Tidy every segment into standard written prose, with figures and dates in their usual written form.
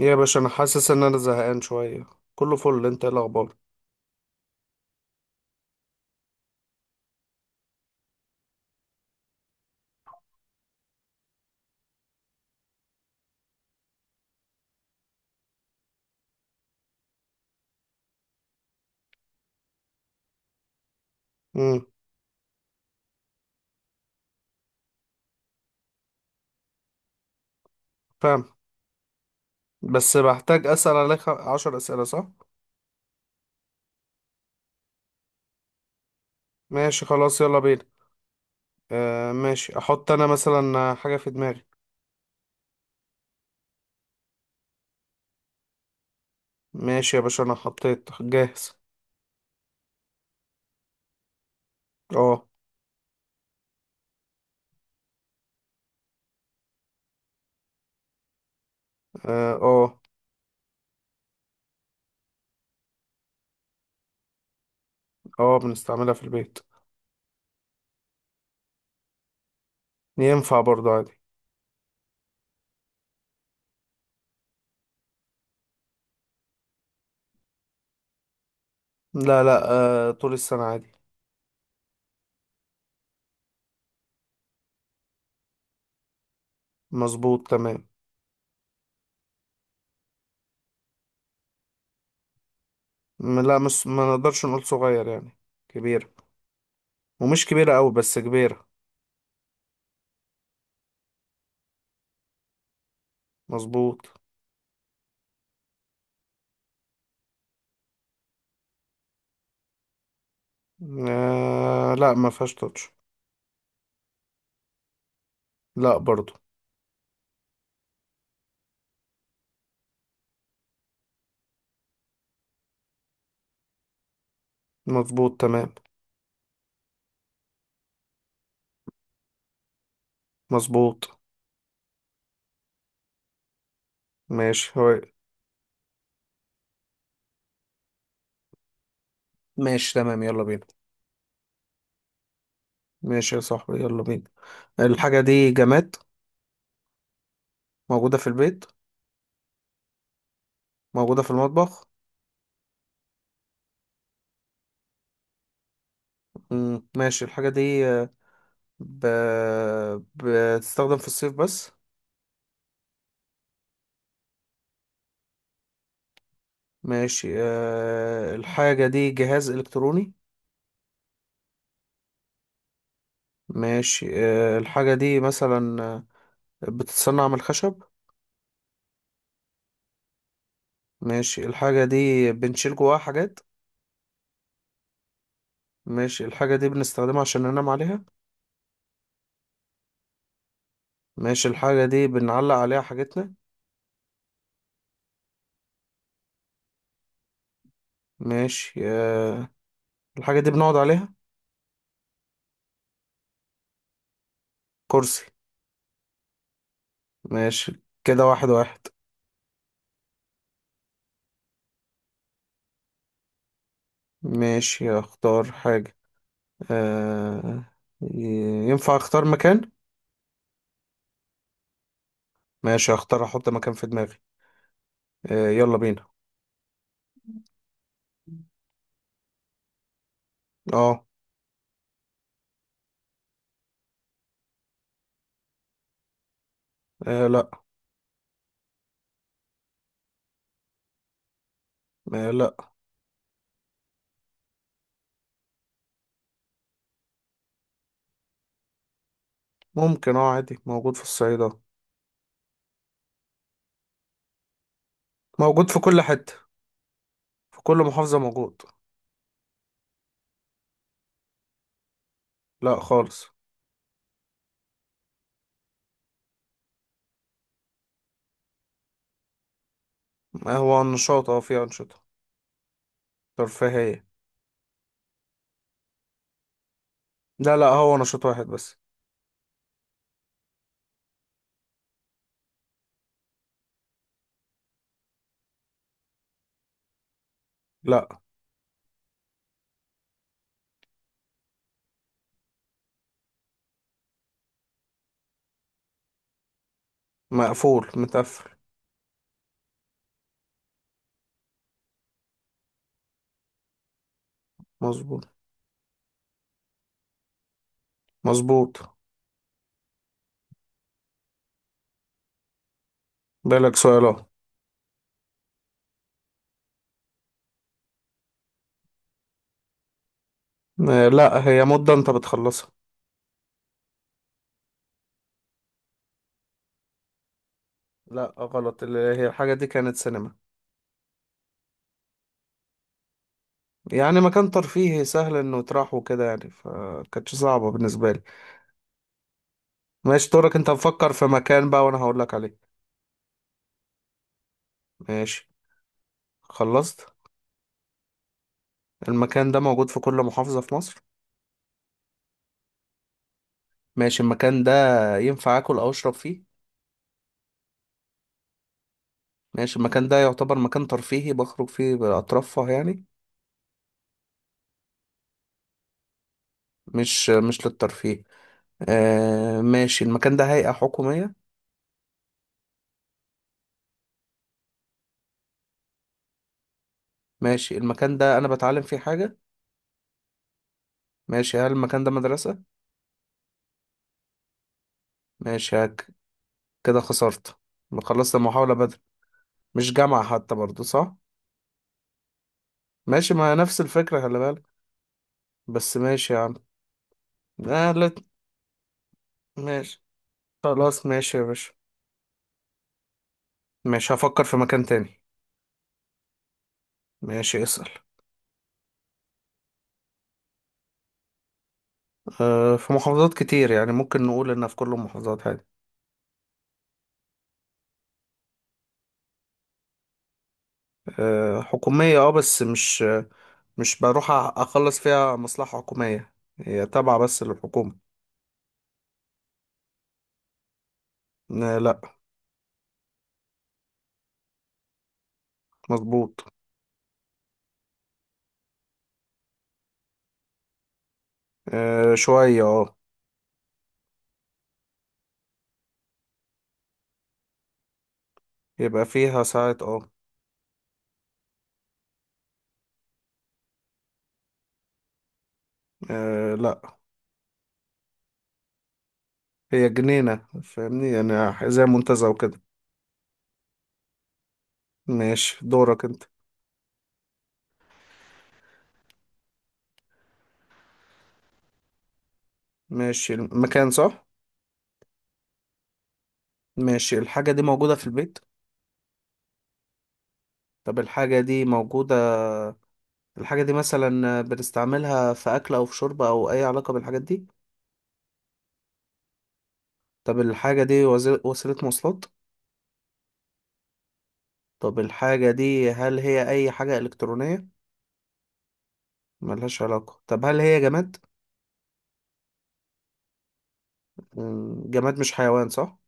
يا باشا، انا حاسس ان انا زهقان شويه. كله فل، انت ايه الاخبار؟ امم فاهم. بس بحتاج اسال عليك عشر اسئله، صح؟ ماشي، خلاص، يلا بينا. آه ماشي، احط انا مثلا حاجه في دماغي. ماشي يا باشا، انا حطيت جاهز. اه. اه، اه. اه، بنستعملها في البيت. ينفع برضو عادي. لا، لا. آه، طول السنه عادي. مظبوط، تمام. لا، مش ما نقدرش نقول صغير يعني. كبيره. ومش كبيره قوي بس كبيره. مظبوط. آه لا، ما فيهاش touch. لا برضو. مظبوط، تمام. مظبوط. ماشي هو. ماشي، تمام، يلا بينا. ماشي يا صاحبي، يلا بينا. الحاجة دي جماد. موجودة في البيت. موجودة في المطبخ. ماشي. الحاجة دي ب... بتستخدم في الصيف بس. ماشي. الحاجة دي جهاز إلكتروني. ماشي، الحاجة دي مثلا بتتصنع من الخشب. ماشي، الحاجة دي بنشيل جواها حاجات. ماشي، الحاجة دي بنستخدمها عشان ننام عليها. ماشي، الحاجة دي بنعلق عليها حاجتنا. ماشي، الحاجة دي بنقعد عليها. كرسي. ماشي، كده واحد واحد. ماشي، اختار حاجة. آه، ينفع اختار مكان؟ ماشي، اختار احط مكان في دماغي. آه، يلا بينا. اه. آه، لا. آه، لا. ممكن اه، عادي، موجود في الصعيد اه. موجود في كل حتة. في كل محافظة موجود. لا خالص. ما هو نشاط، اه فيه أنشطة ترفيهية. لا لا، هو نشاط واحد بس. لا. مقفول، متقفل. مظبوط. مظبوط. بالك سؤال اهو. آه، لا، هي مدة انت بتخلصها. لا غلط. اللي هي الحاجة دي كانت سينما. يعني مكان ترفيهي، سهل انه يتراح وكده يعني، فكانتش صعبة بالنسبة لي. ماشي، دورك انت. مفكر في مكان بقى وانا هقولك عليه. ماشي. خلصت. المكان ده موجود في كل محافظة في مصر. ماشي. المكان ده ينفع اكل او اشرب فيه؟ ماشي. المكان ده يعتبر مكان ترفيهي، بخرج فيه اترفه يعني. مش للترفيه. آه ماشي. المكان ده هيئة حكومية؟ ماشي. المكان ده أنا بتعلم فيه حاجة؟ ماشي. هل المكان ده مدرسة؟ ماشي، هك. كده خسرت. ما خلصت المحاولة بدري. مش جامعة حتى برضو، صح؟ ماشي، ما نفس الفكرة، خلي بالك. بس ماشي يا عم. آه، لا. ماشي. خلاص، ماشي يا باشا. ماشي، هفكر في مكان تاني. ماشي، اسأل. آه، في محافظات كتير يعني، ممكن نقول إنها في كل المحافظات عادي. آه، حكومية اه، بس مش بروح أخلص فيها مصلحة حكومية. هي تابعة بس للحكومة. آه، لا. مظبوط. آه، شوية اه. يبقى فيها ساعات اه. آه، لا. هي جنينة فاهمني، يعني زي منتزه وكده. ماشي، دورك انت. ماشي، المكان صح. ماشي، الحاجة دي موجودة في البيت. طب الحاجة دي موجودة الحاجة دي مثلا بنستعملها في أكل أو في شرب أو أي علاقة بالحاجات دي. طب الحاجة دي وسيلة مواصلات. طب الحاجة دي هل هي أي حاجة إلكترونية؟ ملهاش علاقة. طب هل هي جماد؟ جماد مش حيوان، صح؟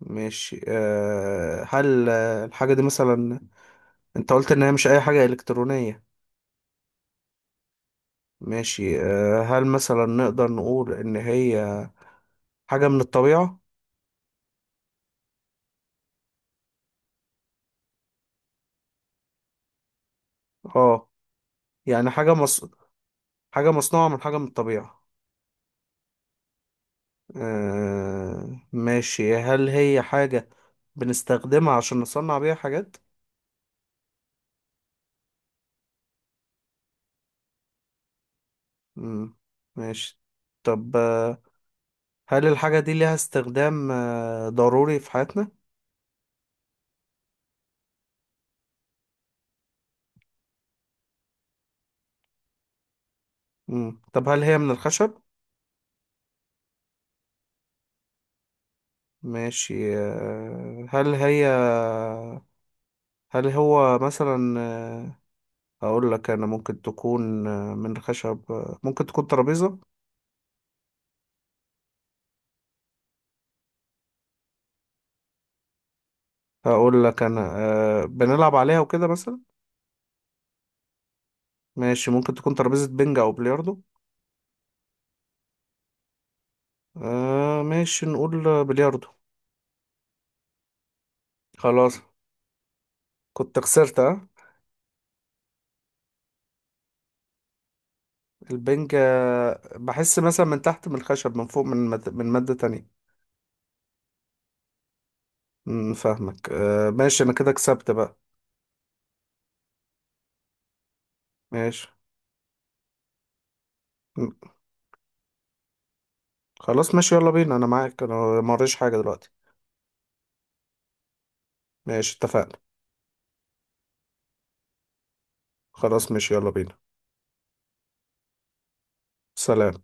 ماشي. أه، هل الحاجة دي مثلا، انت قلت ان هي مش اي حاجة الكترونية. ماشي. أه، هل مثلا نقدر نقول ان هي حاجة من الطبيعة. اه. يعني حاجة حاجة مصنوعة من حاجة من الطبيعة. أه ماشي. هل هي حاجة بنستخدمها عشان نصنع بيها حاجات؟ مم. ماشي. طب هل الحاجة دي ليها استخدام ضروري في حياتنا؟ مم. طب هل هي من الخشب؟ ماشي. هل هو مثلا، هقول لك انا، ممكن تكون من خشب، ممكن تكون ترابيزة. هقول لك انا بنلعب عليها وكده مثلا. ماشي، ممكن تكون ترابيزة بنج او بلياردو. آه، ماشي، نقول بلياردو. خلاص. كنت خسرت ها. البنج بحس مثلا من تحت من الخشب، من فوق، من مادة تانية. فاهمك. ماشي، انا كده كسبت بقى. ماشي. خلاص، ماشي يلا بينا، انا معاك انا. ما وريش حاجة دلوقتي. ماشي، اتفقنا. خلاص، ماشي، يلا بينا. سلام.